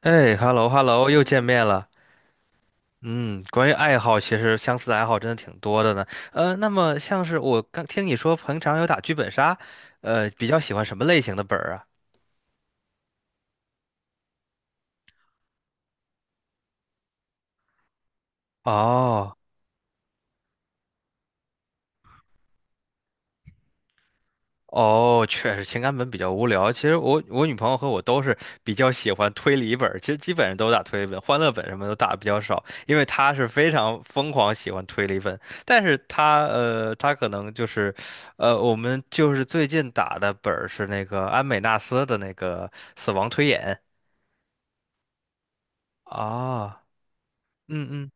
哎，hello hello，又见面了。嗯，关于爱好，其实相似的爱好真的挺多的呢。那么像是我刚听你说平常有打剧本杀，比较喜欢什么类型的本儿啊？哦。哦，确实情感本比较无聊。其实我女朋友和我都是比较喜欢推理本儿，其实基本上都打推理本，欢乐本什么都打的比较少，因为她是非常疯狂喜欢推理本。但是她可能就是，我们就是最近打的本儿是那个安美纳斯的那个死亡推演啊，嗯嗯，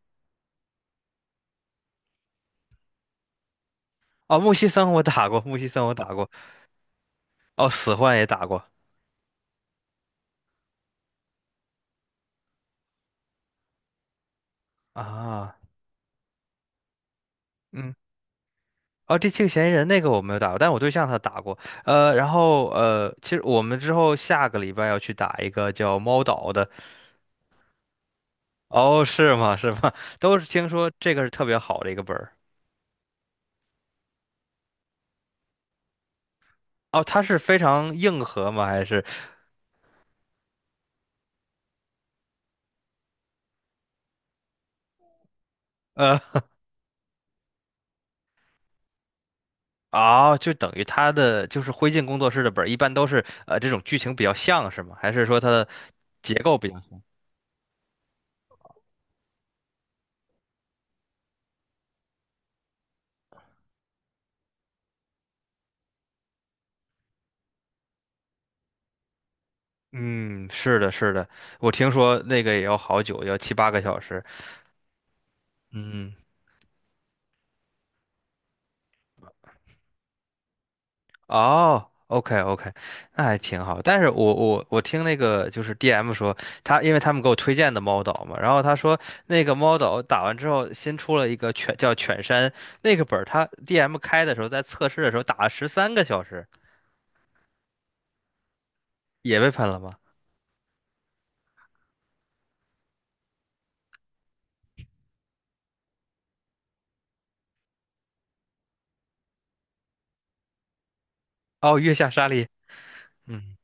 哦，木西森我打过，木西森我打过，哦，死幻也打过啊，嗯。哦，第七个嫌疑人那个我没有打过，但我对象他打过。然后其实我们之后下个礼拜要去打一个叫猫岛的。哦，是吗？是吗？都是听说这个是特别好的一个本儿。哦，它是非常硬核吗？还是呃就等于它的就是灰烬工作室的本儿，一般都是这种剧情比较像是吗？还是说它的结构比较像？嗯，是的，是的，我听说那个也要好久，要七八个小时。嗯。哦，OK OK，那还挺好。但是我听那个就是 DM 说，他因为他们给我推荐的猫岛嘛，然后他说那个猫岛打完之后新出了一个犬叫犬山那个本儿，他 DM 开的时候在测试的时候打了13个小时，也被喷了吗？哦，月下沙利，嗯，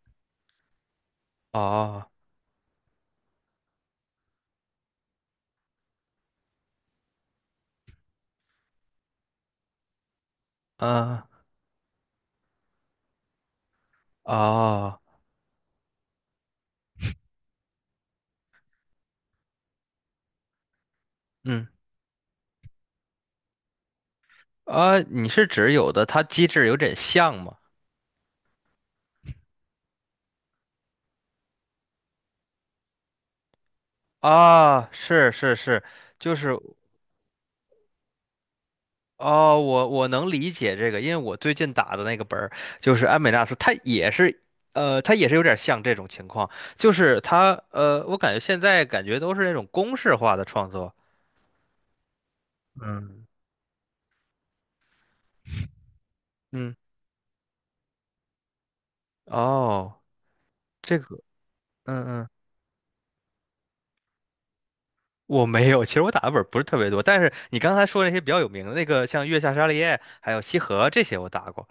哦，嗯，哦，嗯，啊，你是指有的它机制有点像吗？啊，是是是，就是。哦，我能理解这个，因为我最近打的那个本儿就是安美纳斯，它也是，它也是有点像这种情况，就是它，我感觉现在感觉都是那种公式化的创作。嗯，嗯，哦，这个，嗯嗯，我没有，其实我打的本儿不是特别多，但是你刚才说那些比较有名的那个，像月下沙利叶还有西河这些，我打过。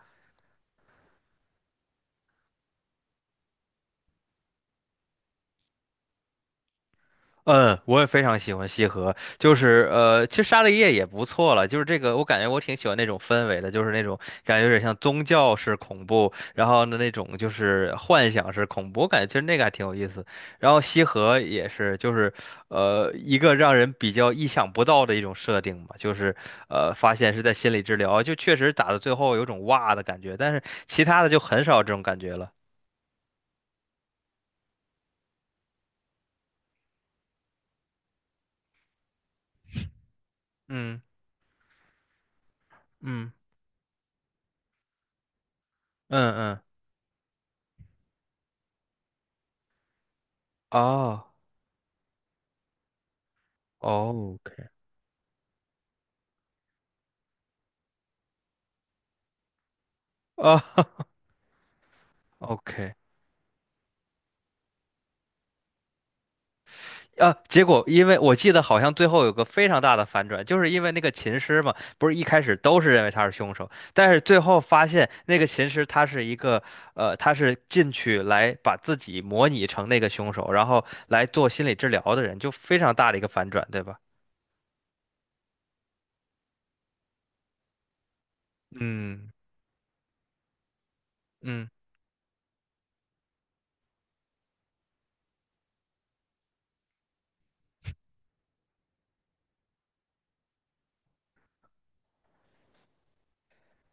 嗯，我也非常喜欢西河，就是其实沙利叶也不错了，就是这个，我感觉我挺喜欢那种氛围的，就是那种感觉有点像宗教式恐怖，然后呢那种就是幻想式恐怖，我感觉其实那个还挺有意思。然后西河也是，就是一个让人比较意想不到的一种设定吧，就是发现是在心理治疗，就确实打到最后有种哇的感觉，但是其他的就很少这种感觉了。嗯嗯嗯嗯，哦。哦，OK，哦，OK，啊，结果因为我记得好像最后有个非常大的反转，就是因为那个琴师嘛，不是一开始都是认为他是凶手，但是最后发现那个琴师他是一个，他是进去来把自己模拟成那个凶手，然后来做心理治疗的人，就非常大的一个反转，对吧？嗯嗯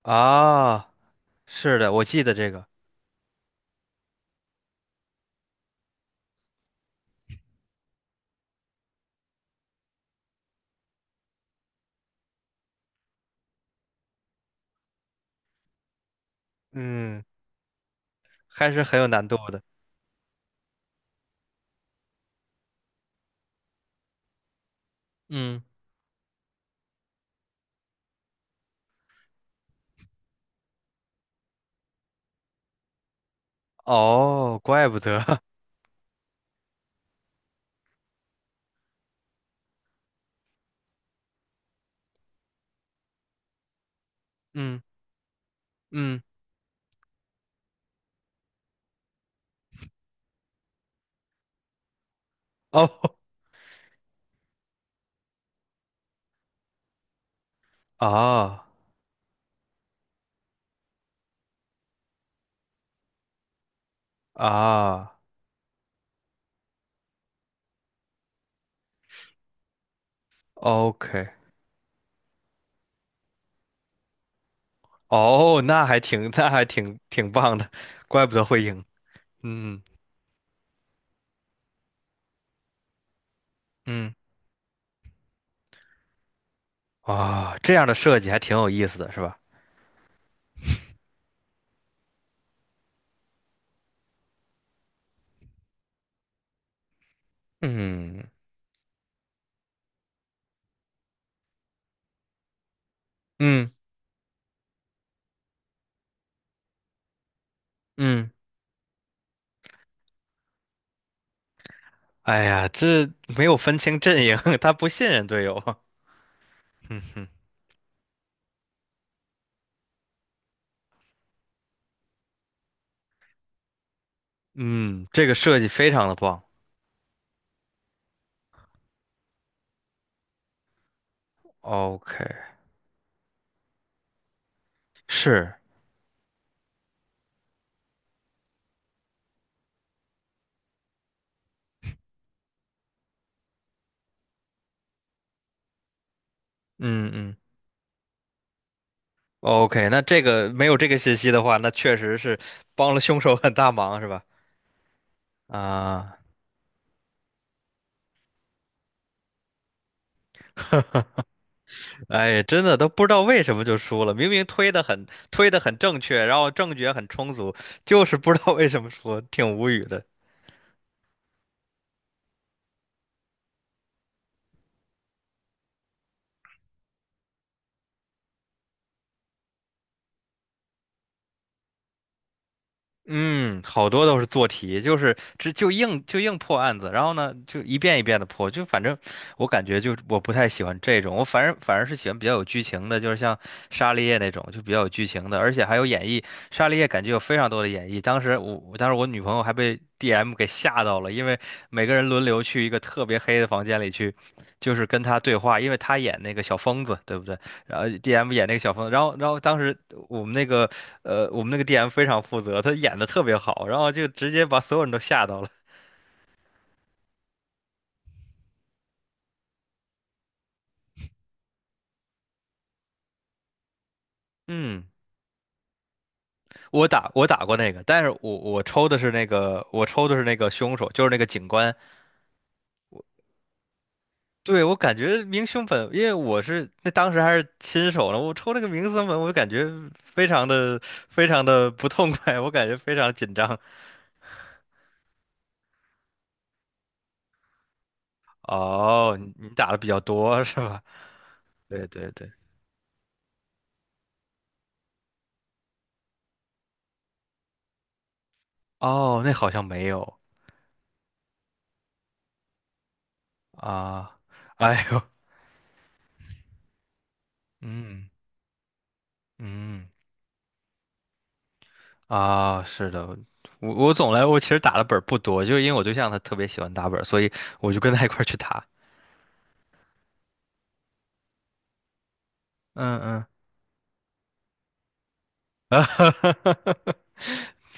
啊，是的，我记得这个，嗯，还是很有难度的，嗯，哦，怪不得，嗯嗯，哦 啊啊。OK，哦，那还挺棒的，怪不得会赢。嗯嗯啊，这样的设计还挺有意思的，是吧？嗯嗯嗯哎呀，这没有分清阵营，他不信任队友。嗯哼，嗯，这个设计非常的棒。OK，是嗯嗯，OK，那这个没有这个信息的话，那确实是帮了凶手很大忙，是吧？啊。哎，真的都不知道为什么就输了，明明推的很正确，然后证据也很充足，就是不知道为什么输，挺无语的。嗯，好多都是做题，就是这就硬破案子，然后呢就一遍一遍的破，就反正我感觉就是我不太喜欢这种，我反正反而是喜欢比较有剧情的，就是像《沙利叶》那种就比较有剧情的，而且还有演绎。《沙利叶》感觉有非常多的演绎，当时我女朋友还被 DM 给吓到了，因为每个人轮流去一个特别黑的房间里去，就是跟他对话，因为他演那个小疯子，对不对？然后 DM 演那个小疯子，然后当时我们那个我们那个 DM 非常负责，他演的特别好，然后就直接把所有人都吓到了。嗯，我打过那个，但是我抽的是那个凶手，就是那个警官。对，我感觉明凶粉，因为我是那当时还是新手呢，我抽那个明凶粉，我就感觉非常的非常的不痛快，我感觉非常紧张。哦，你打的比较多是吧？对对对，哦，那好像没有。啊，哎呦，嗯嗯啊，是的，我总来，我其实打的本儿不多，就是因为我对象他特别喜欢打本儿，所以我就跟他一块儿去打。嗯嗯，啊哈哈哈哈哈，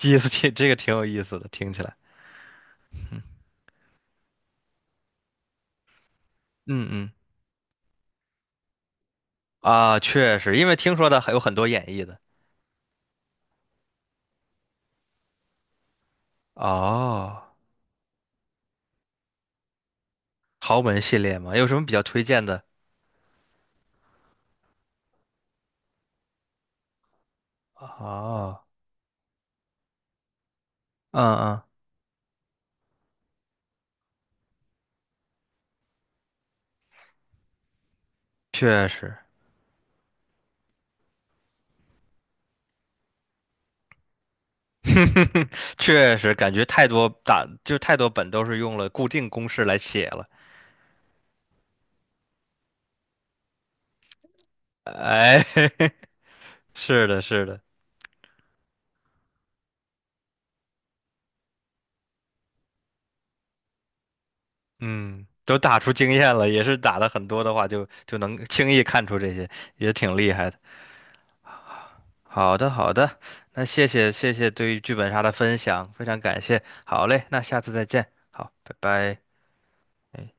意思挺这个挺有意思的，听起来。嗯嗯啊，确实，因为听说的还有很多演绎的。哦，豪门系列嘛，有什么比较推荐的？哦，嗯嗯，确实确实，感觉太多本都是用了固定公式来写了。哎，是的，是的，嗯，都打出经验了，也是打的很多的话就能轻易看出这些，也挺厉害的。好的，好的，那谢谢对于剧本杀的分享，非常感谢。好嘞，那下次再见。好，拜拜。哎